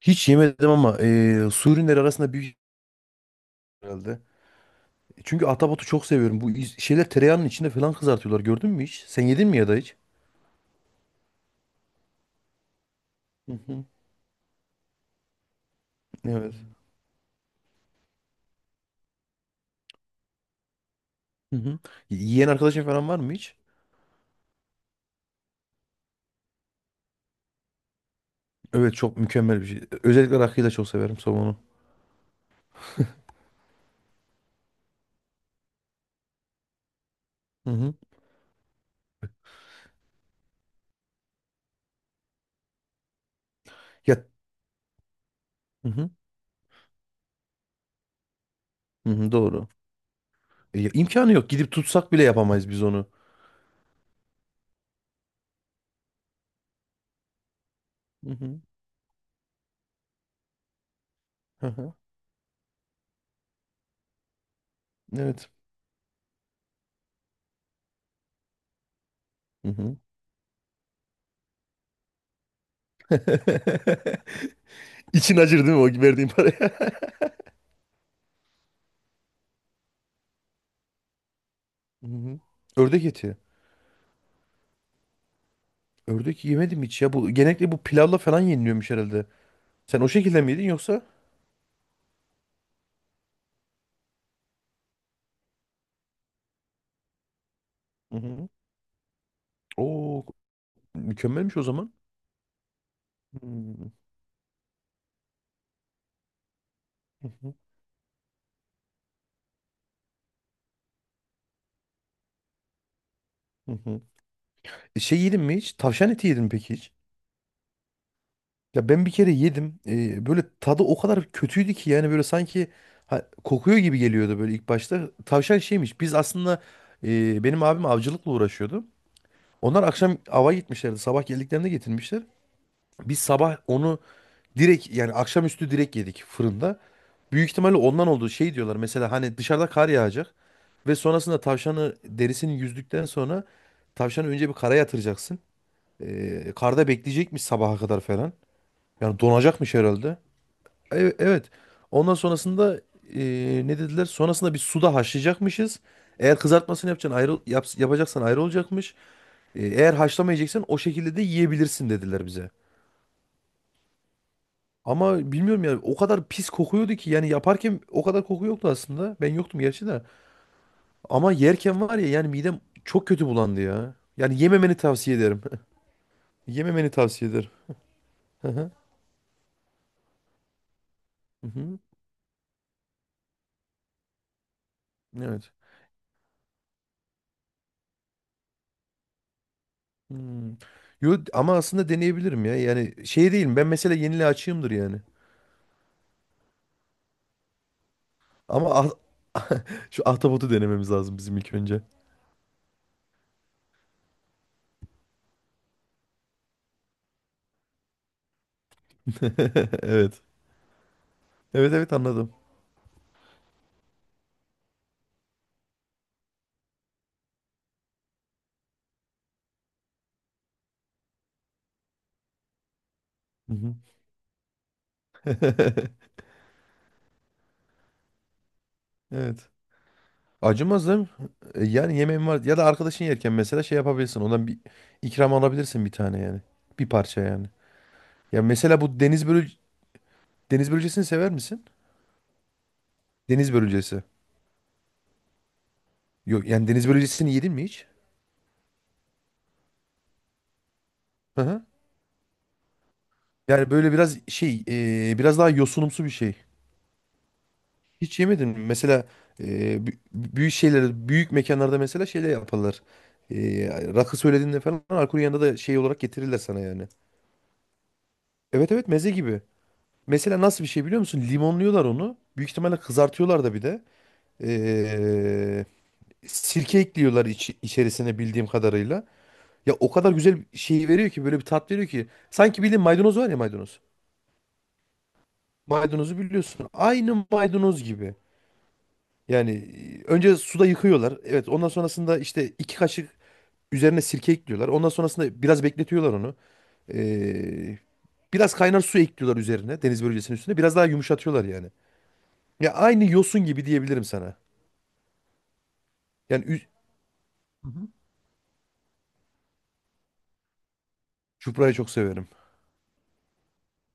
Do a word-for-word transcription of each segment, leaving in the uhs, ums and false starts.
Hiç yemedim ama eee su ürünleri arasında büyük herhalde. Çünkü ahtapotu çok seviyorum. Bu iz- şeyler tereyağının içinde falan kızartıyorlar. Gördün mü hiç? Sen yedin mi ya da hiç? Hı hı. Evet. Hı hı. Yiyen arkadaşın falan var mı hiç? Evet, çok mükemmel bir şey. Özellikle rakıyı da çok severim somonu. Hı hı. Ya, hı hı. Hı hı, doğru. E, ya, imkanı yok. Gidip tutsak bile yapamayız biz onu. Hı hı. Hı hı. Evet. Hı hı. İçin acır değil mi o verdiğin paraya? Hı hı. Ördek eti. Ördek yemedim hiç ya. Bu genellikle bu pilavla falan yeniliyormuş herhalde. Sen o şekilde mi yedin yoksa? Hı hı. Oo, mükemmelmiş o zaman. Hmm. Hı hı, hı hı. E, Şey yedin mi hiç? Tavşan eti yedin mi peki hiç? Ya ben bir kere yedim. E, böyle tadı o kadar kötüydü ki, yani böyle sanki ha, kokuyor gibi geliyordu böyle ilk başta. Tavşan şeymiş. Biz aslında e, benim abim avcılıkla uğraşıyordu. Onlar akşam ava gitmişlerdi. Sabah geldiklerinde getirmişler. Biz sabah onu direkt, yani akşamüstü direkt yedik fırında. Büyük ihtimalle ondan olduğu şey diyorlar. Mesela hani dışarıda kar yağacak ve sonrasında tavşanı derisini yüzdükten sonra tavşanı önce bir kara yatıracaksın. Ee, karda bekleyecekmiş sabaha kadar falan. Yani donacakmış herhalde. Evet, evet. Ondan sonrasında ee, ne dediler? Sonrasında bir suda haşlayacakmışız. Eğer kızartmasını yapacaksın ayrı yaps- yapacaksan ayrı olacakmış. Ee, eğer haşlamayacaksan o şekilde de yiyebilirsin dediler bize. Ama bilmiyorum ya, o kadar pis kokuyordu ki, yani yaparken o kadar koku yoktu aslında. Ben yoktum gerçi de. Ama yerken var ya, yani midem çok kötü bulandı ya. Yani yememeni tavsiye ederim. Yememeni tavsiye ederim. Hı hı. Hı hı. Evet. Hmm. Yo, ama aslında deneyebilirim ya. Yani şey değilim ben, mesela yeniliğe açığımdır yani. Ama ah- şu ahtapotu denememiz lazım bizim ilk önce. Evet. Evet, evet anladım. Hı hı. Evet. Acımaz değil mi? E, Yani yemeğim var. Ya da arkadaşın yerken mesela şey yapabilirsin. Ondan bir ikram alabilirsin bir tane yani. Bir parça yani. Ya mesela bu deniz börü deniz börülcesini sever misin? Deniz börülcesi. Yok, yani deniz börülcesini yedin mi hiç? Hı hı. Yani böyle biraz şey e, biraz daha yosunumsu bir şey. Hiç yemedin mi? Mesela e, bü- büyük şeylerde, büyük mekanlarda mesela şeyler yaparlar. E, Rakı söylediğinde falan alkolün yanında da şey olarak getirirler sana yani. Evet, evet meze gibi. Mesela nasıl bir şey biliyor musun? Limonluyorlar onu. Büyük ihtimalle kızartıyorlar da bir de. E, Sirke ekliyorlar iç- içerisine bildiğim kadarıyla. Ya o kadar güzel şeyi veriyor ki, böyle bir tat veriyor ki. Sanki bildiğin maydanoz var ya, maydanoz. Maydanozu biliyorsun. Aynı maydanoz gibi. Yani e, önce suda yıkıyorlar. Evet, ondan sonrasında işte iki kaşık üzerine sirke ekliyorlar. Ondan sonrasında biraz bekletiyorlar onu. Ee, Biraz kaynar su ekliyorlar üzerine, deniz bölgesinin üstüne. Biraz daha yumuşatıyorlar yani. Ya aynı yosun gibi diyebilirim sana. Yani ü- Çuprayı çok severim.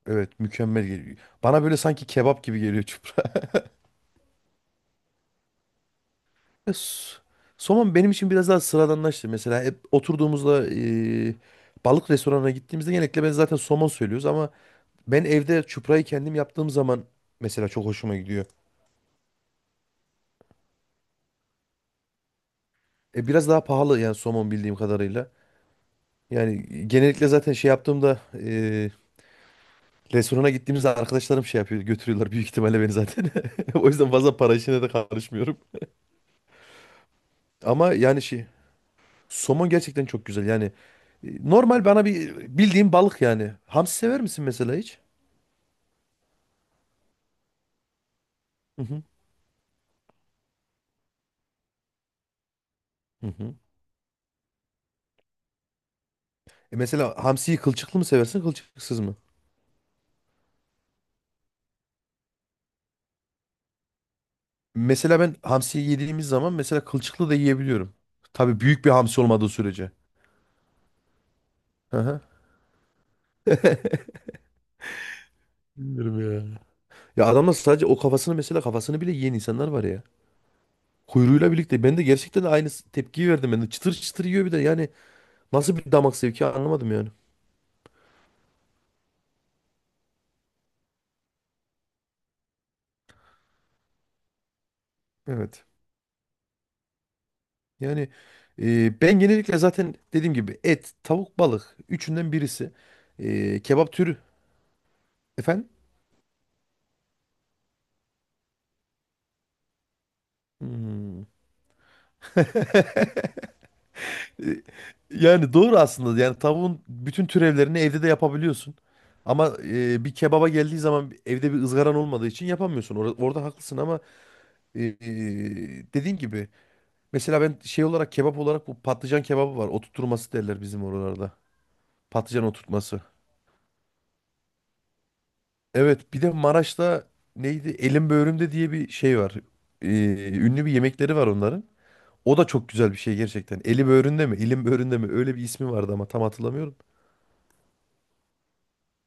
Evet, mükemmel geliyor. Bana böyle sanki kebap gibi geliyor. Ya s- Somon benim için biraz daha sıradanlaştı. Mesela hep oturduğumuzda, e, balık restoranına gittiğimizde genellikle ben zaten somon söylüyoruz ama ben evde çuprayı kendim yaptığım zaman mesela çok hoşuma gidiyor. E, biraz daha pahalı yani somon bildiğim kadarıyla. Yani genellikle zaten şey yaptığımda, e, restorana gittiğimizde arkadaşlarım şey yapıyor, götürüyorlar büyük ihtimalle beni zaten. O yüzden fazla para işine de karışmıyorum. Ama yani şey, somon gerçekten çok güzel yani. e, Normal bana bir bildiğim balık yani. Hamsi sever misin mesela hiç? Hı hı. Hı hı. E mesela hamsiyi kılçıklı mı seversin, kılçıksız mı? Mesela ben hamsiyi yediğimiz zaman mesela kılçıklı da yiyebiliyorum. Tabii büyük bir hamsi olmadığı sürece. Hı hı. Bilmiyorum ya. Ya adamlar sadece o kafasını, mesela kafasını bile yiyen insanlar var ya. Kuyruğuyla birlikte. Ben de gerçekten aynı s- tepkiyi verdim. Ben de çıtır çıtır yiyor bir de. Yani nasıl bir damak zevki anlamadım yani. Evet. Yani e, ben genellikle zaten dediğim gibi et, tavuk, balık. Üçünden birisi. E, kebap türü. Efendim? Hmm. E, Yani doğru aslında. Yani tavuğun bütün türevlerini evde de yapabiliyorsun. Ama e, bir kebaba geldiği zaman evde bir ızgaran olmadığı için yapamıyorsun. Orada, orada haklısın ama e, e, dediğin gibi mesela ben şey olarak, kebap olarak bu patlıcan kebabı var. Oturtması derler bizim oralarda. Patlıcan oturtması. Evet bir de Maraş'ta neydi? Elim böğrümde diye bir şey var. E, Ünlü bir yemekleri var onların. O da çok güzel bir şey gerçekten. Eli böğründe mi? Elim böğründe mi? Öyle bir ismi vardı ama tam hatırlamıyorum.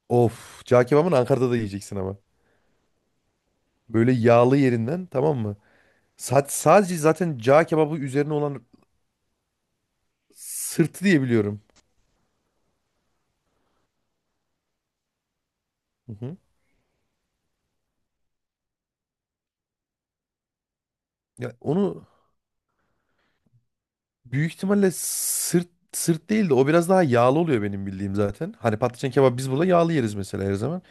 Of, cağ kebabını Ankara'da da yiyeceksin ama. Böyle yağlı yerinden, tamam mı? Sa- sadece zaten cağ kebabı üzerine olan sırtı diye biliyorum. Hı hı. Ya onu büyük ihtimalle sırt sırt değil de o biraz daha yağlı oluyor benim bildiğim zaten. Hani patlıcan kebabı biz burada yağlı yeriz mesela her zaman.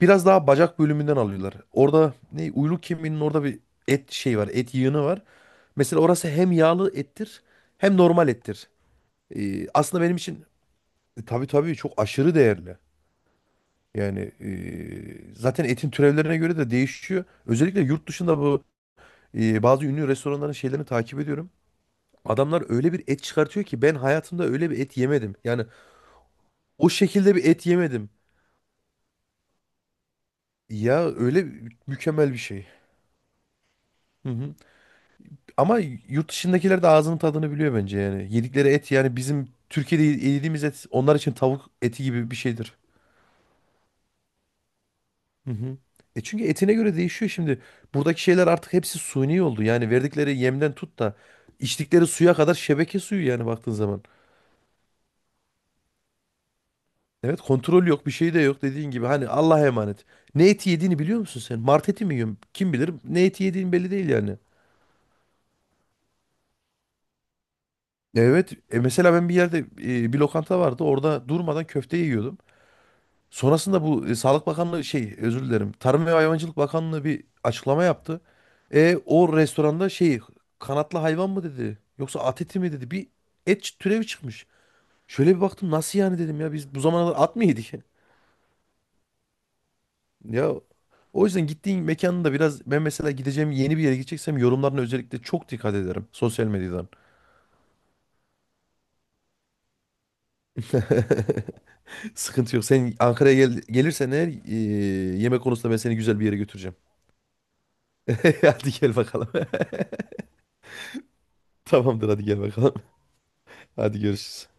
Biraz daha bacak bölümünden alıyorlar. Orada ne uyluk kemiğinin orada bir et şey var, et yığını var. Mesela orası hem yağlı ettir hem normal ettir. Ee, aslında benim için e, tabii tabii çok aşırı değerli. Yani e, zaten etin türevlerine göre de değişiyor. Özellikle yurt dışında bu e, bazı ünlü restoranların şeylerini takip ediyorum. Adamlar öyle bir et çıkartıyor ki ben hayatımda öyle bir et yemedim. Yani o şekilde bir et yemedim. Ya öyle mükemmel bir şey. Hı hı. Ama yurt dışındakiler de ağzının tadını biliyor bence yani. Yedikleri et, yani bizim Türkiye'de yediğimiz et onlar için tavuk eti gibi bir şeydir. Hı hı. E çünkü etine göre değişiyor şimdi. Buradaki şeyler artık hepsi suni oldu. Yani verdikleri yemden tut da içtikleri suya kadar şebeke suyu yani baktığın zaman. Evet, kontrol yok, bir şey de yok dediğin gibi. Hani Allah'a emanet. Ne eti yediğini biliyor musun sen? Mart eti mi yiyorsun? Kim bilir ne eti yediğin belli değil yani. Evet e mesela ben bir yerde, e, bir lokanta vardı. Orada durmadan köfte yiyordum. Sonrasında bu e, Sağlık Bakanlığı şey, özür dilerim. Tarım ve Hayvancılık Bakanlığı bir açıklama yaptı. E o restoranda şey, kanatlı hayvan mı dedi yoksa at eti mi dedi, bir et türevi çıkmış. Şöyle bir baktım, nasıl yani dedim ya, biz bu zamana kadar at mı yedik? Ya o yüzden gittiğin mekanın da biraz, ben mesela gideceğim yeni bir yere gideceksem yorumlarına özellikle çok dikkat ederim sosyal medyadan. Sıkıntı yok. Sen Ankara'ya gel, gelirsen eğer e, yemek konusunda ben seni güzel bir yere götüreceğim. Hadi gel bakalım. Tamamdır, hadi gel bakalım. Hadi görüşürüz.